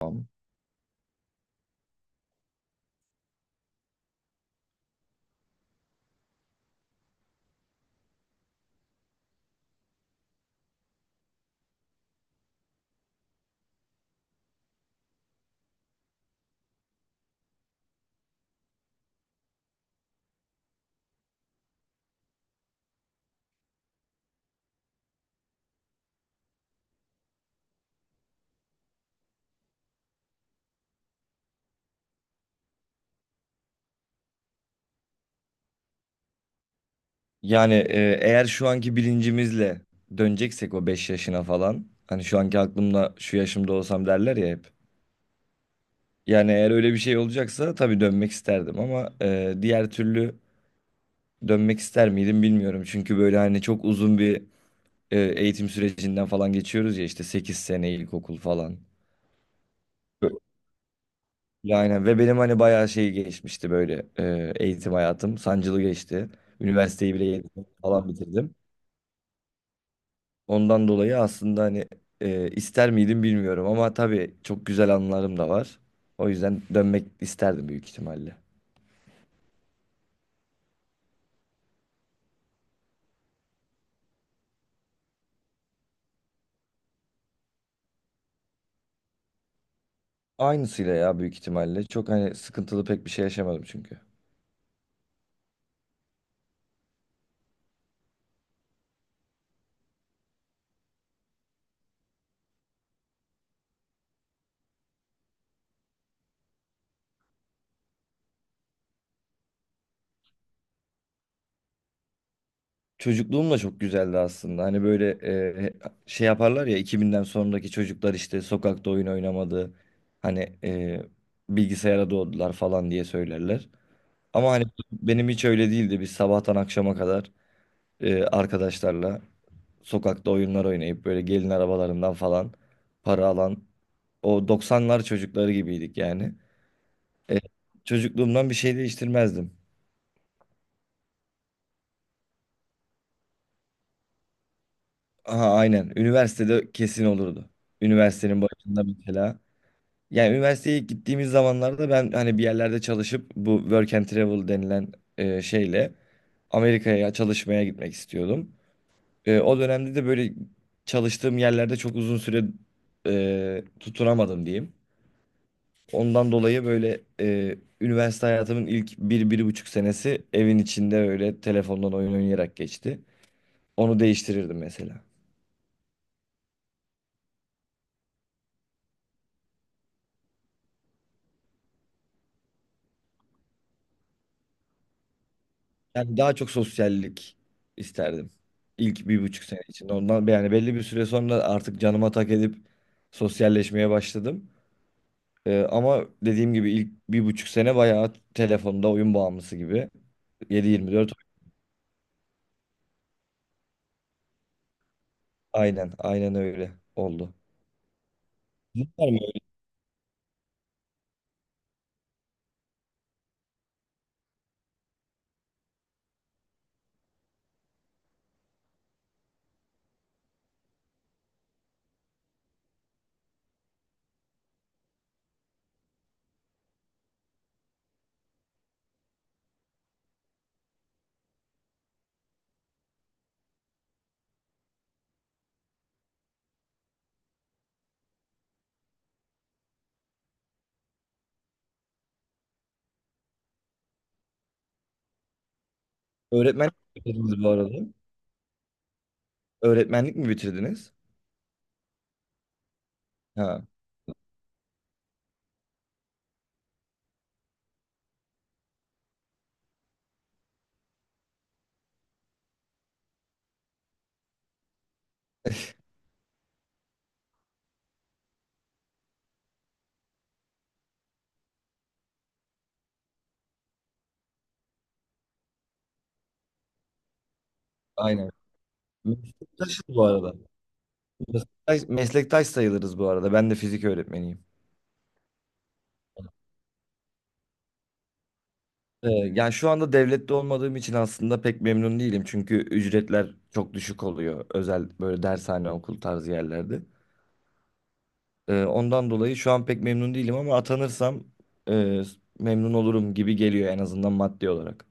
Tamam. Yani eğer şu anki bilincimizle döneceksek o 5 yaşına falan hani şu anki aklımda şu yaşımda olsam derler ya hep. Yani eğer öyle bir şey olacaksa tabii dönmek isterdim ama diğer türlü dönmek ister miydim bilmiyorum. Çünkü böyle hani çok uzun bir eğitim sürecinden falan geçiyoruz ya işte 8 sene ilkokul falan. Yani ve benim hani bayağı şey geçmişti böyle eğitim hayatım sancılı geçti. Üniversiteyi bile 7 sene falan bitirdim. Ondan dolayı aslında hani ister miydim bilmiyorum ama tabii çok güzel anılarım da var. O yüzden dönmek isterdim büyük ihtimalle. Aynısıyla ya büyük ihtimalle. Çok hani sıkıntılı pek bir şey yaşamadım çünkü. Çocukluğum da çok güzeldi aslında. Hani böyle e, şey yaparlar ya 2000'den sonraki çocuklar işte sokakta oyun oynamadı. Hani bilgisayara doğdular falan diye söylerler. Ama hani benim hiç öyle değildi. Biz sabahtan akşama kadar arkadaşlarla sokakta oyunlar oynayıp böyle gelin arabalarından falan para alan o 90'lar çocukları gibiydik yani. E, çocukluğumdan bir şey değiştirmezdim. Aha aynen. Üniversitede kesin olurdu. Üniversitenin başında mesela. Yani üniversiteye ilk gittiğimiz zamanlarda ben hani bir yerlerde çalışıp bu work and travel denilen şeyle Amerika'ya çalışmaya gitmek istiyordum. O dönemde de böyle çalıştığım yerlerde çok uzun süre tutunamadım diyeyim. Ondan dolayı böyle üniversite hayatımın ilk bir, 1,5 senesi evin içinde öyle telefondan oyun oynayarak geçti. Onu değiştirirdim mesela. Yani daha çok sosyallik isterdim ilk 1,5 sene içinde. Ondan yani belli bir süre sonra artık canıma tak edip sosyalleşmeye başladım. Ama dediğim gibi ilk 1,5 sene bayağı telefonda oyun bağımlısı gibi. 7/24. Aynen aynen öyle oldu. Sizin var mı? Öğretmenlik mi bitirdiniz bu arada? Öğretmenlik mi bitirdiniz? Ha, aynen. Meslektaşız bu arada. Meslektaş, meslektaş sayılırız bu arada. Ben de fizik öğretmeniyim. Yani şu anda devlette olmadığım için aslında pek memnun değilim. Çünkü ücretler çok düşük oluyor. Özel böyle dershane, okul tarzı yerlerde. Ondan dolayı şu an pek memnun değilim ama atanırsam e, memnun olurum gibi geliyor en azından maddi olarak.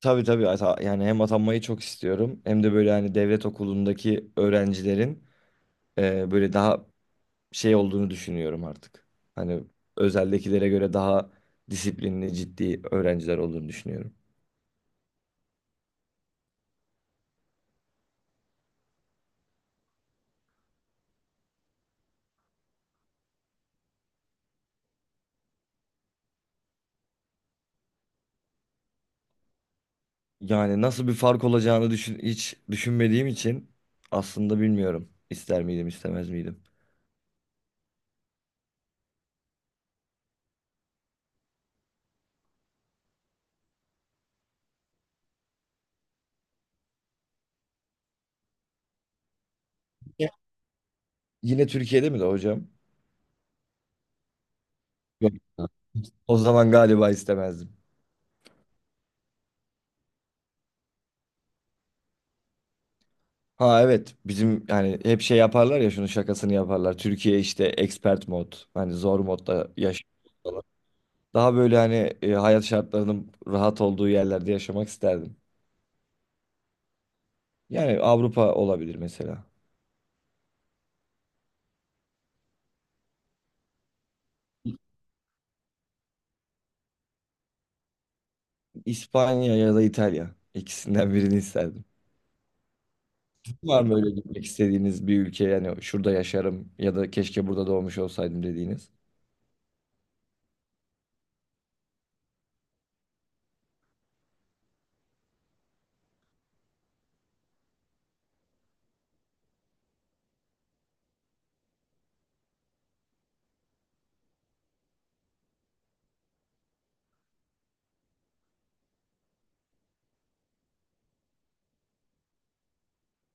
Tabii tabii yani hem atanmayı çok istiyorum hem de böyle hani devlet okulundaki öğrencilerin böyle daha şey olduğunu düşünüyorum artık. Hani özeldekilere göre daha disiplinli, ciddi öğrenciler olduğunu düşünüyorum. Yani nasıl bir fark olacağını hiç düşünmediğim için aslında bilmiyorum. İster miydim, istemez miydim? Ya. Yine Türkiye'de mi de hocam? Yok. O zaman galiba istemezdim. Ha, evet, bizim hani hep şey yaparlar ya, şunun şakasını yaparlar. Türkiye işte expert mod hani zor modda yaşıyor falan. Daha böyle hani hayat şartlarının rahat olduğu yerlerde yaşamak isterdim. Yani Avrupa olabilir mesela. İspanya ya da İtalya. İkisinden birini isterdim. Var mı öyle gitmek istediğiniz bir ülke, yani şurada yaşarım ya da keşke burada doğmuş olsaydım dediğiniz?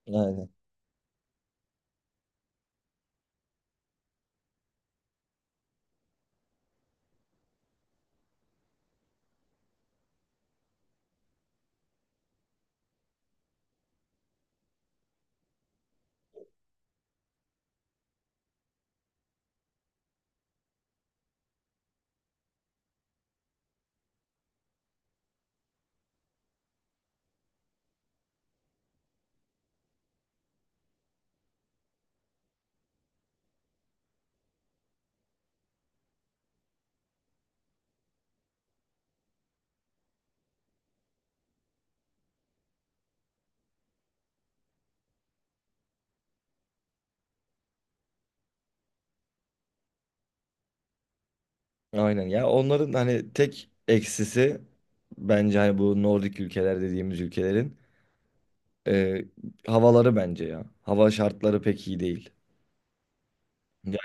Aynen. Aynen ya, onların hani tek eksisi bence hani bu Nordik ülkeler dediğimiz ülkelerin e, havaları bence ya. Hava şartları pek iyi değil. Yani,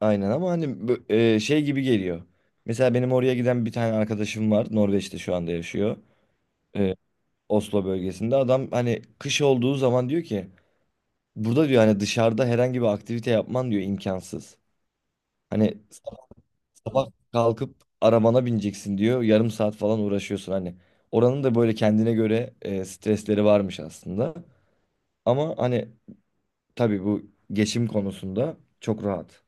aynen, ama hani şey gibi geliyor. Mesela benim oraya giden bir tane arkadaşım var. Norveç'te şu anda yaşıyor. E, Oslo bölgesinde. Adam hani kış olduğu zaman diyor ki burada diyor hani dışarıda herhangi bir aktivite yapman diyor imkansız. Hani sabah kalkıp arabana bineceksin diyor. Yarım saat falan uğraşıyorsun hani. Oranın da böyle kendine göre stresleri varmış aslında. Ama hani tabii bu geçim konusunda çok rahat.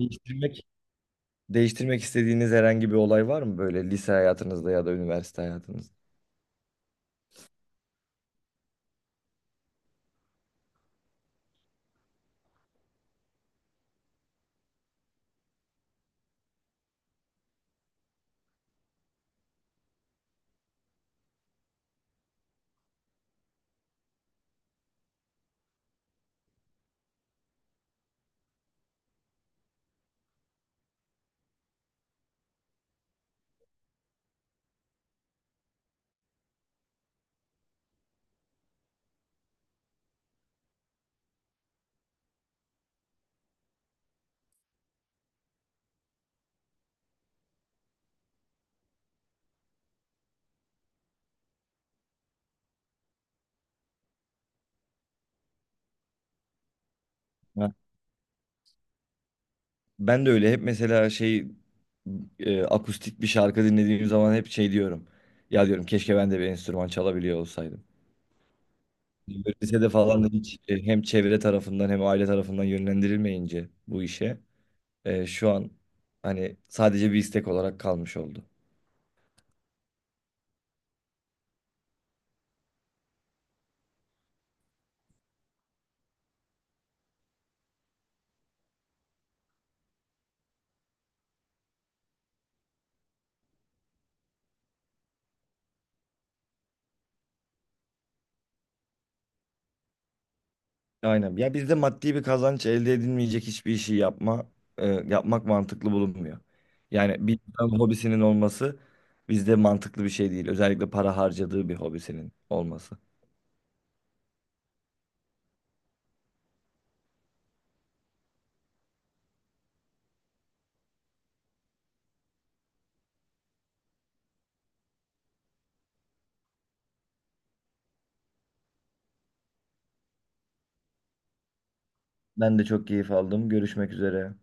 Değiştirmek, değiştirmek istediğiniz herhangi bir olay var mı böyle lise hayatınızda ya da üniversite hayatınızda? Ben de öyle hep mesela şey akustik bir şarkı dinlediğim zaman hep şey diyorum. Ya diyorum keşke ben de bir enstrüman çalabiliyor olsaydım. Böyle lisede falan da hiç hem çevre tarafından hem aile tarafından yönlendirilmeyince bu işe şu an hani sadece bir istek olarak kalmış oldu. Aynen. Ya bizde maddi bir kazanç elde edilmeyecek hiçbir işi yapmak mantıklı bulunmuyor. Yani bir insanın hobisinin olması bizde mantıklı bir şey değil. Özellikle para harcadığı bir hobisinin olması. Ben de çok keyif aldım. Görüşmek üzere.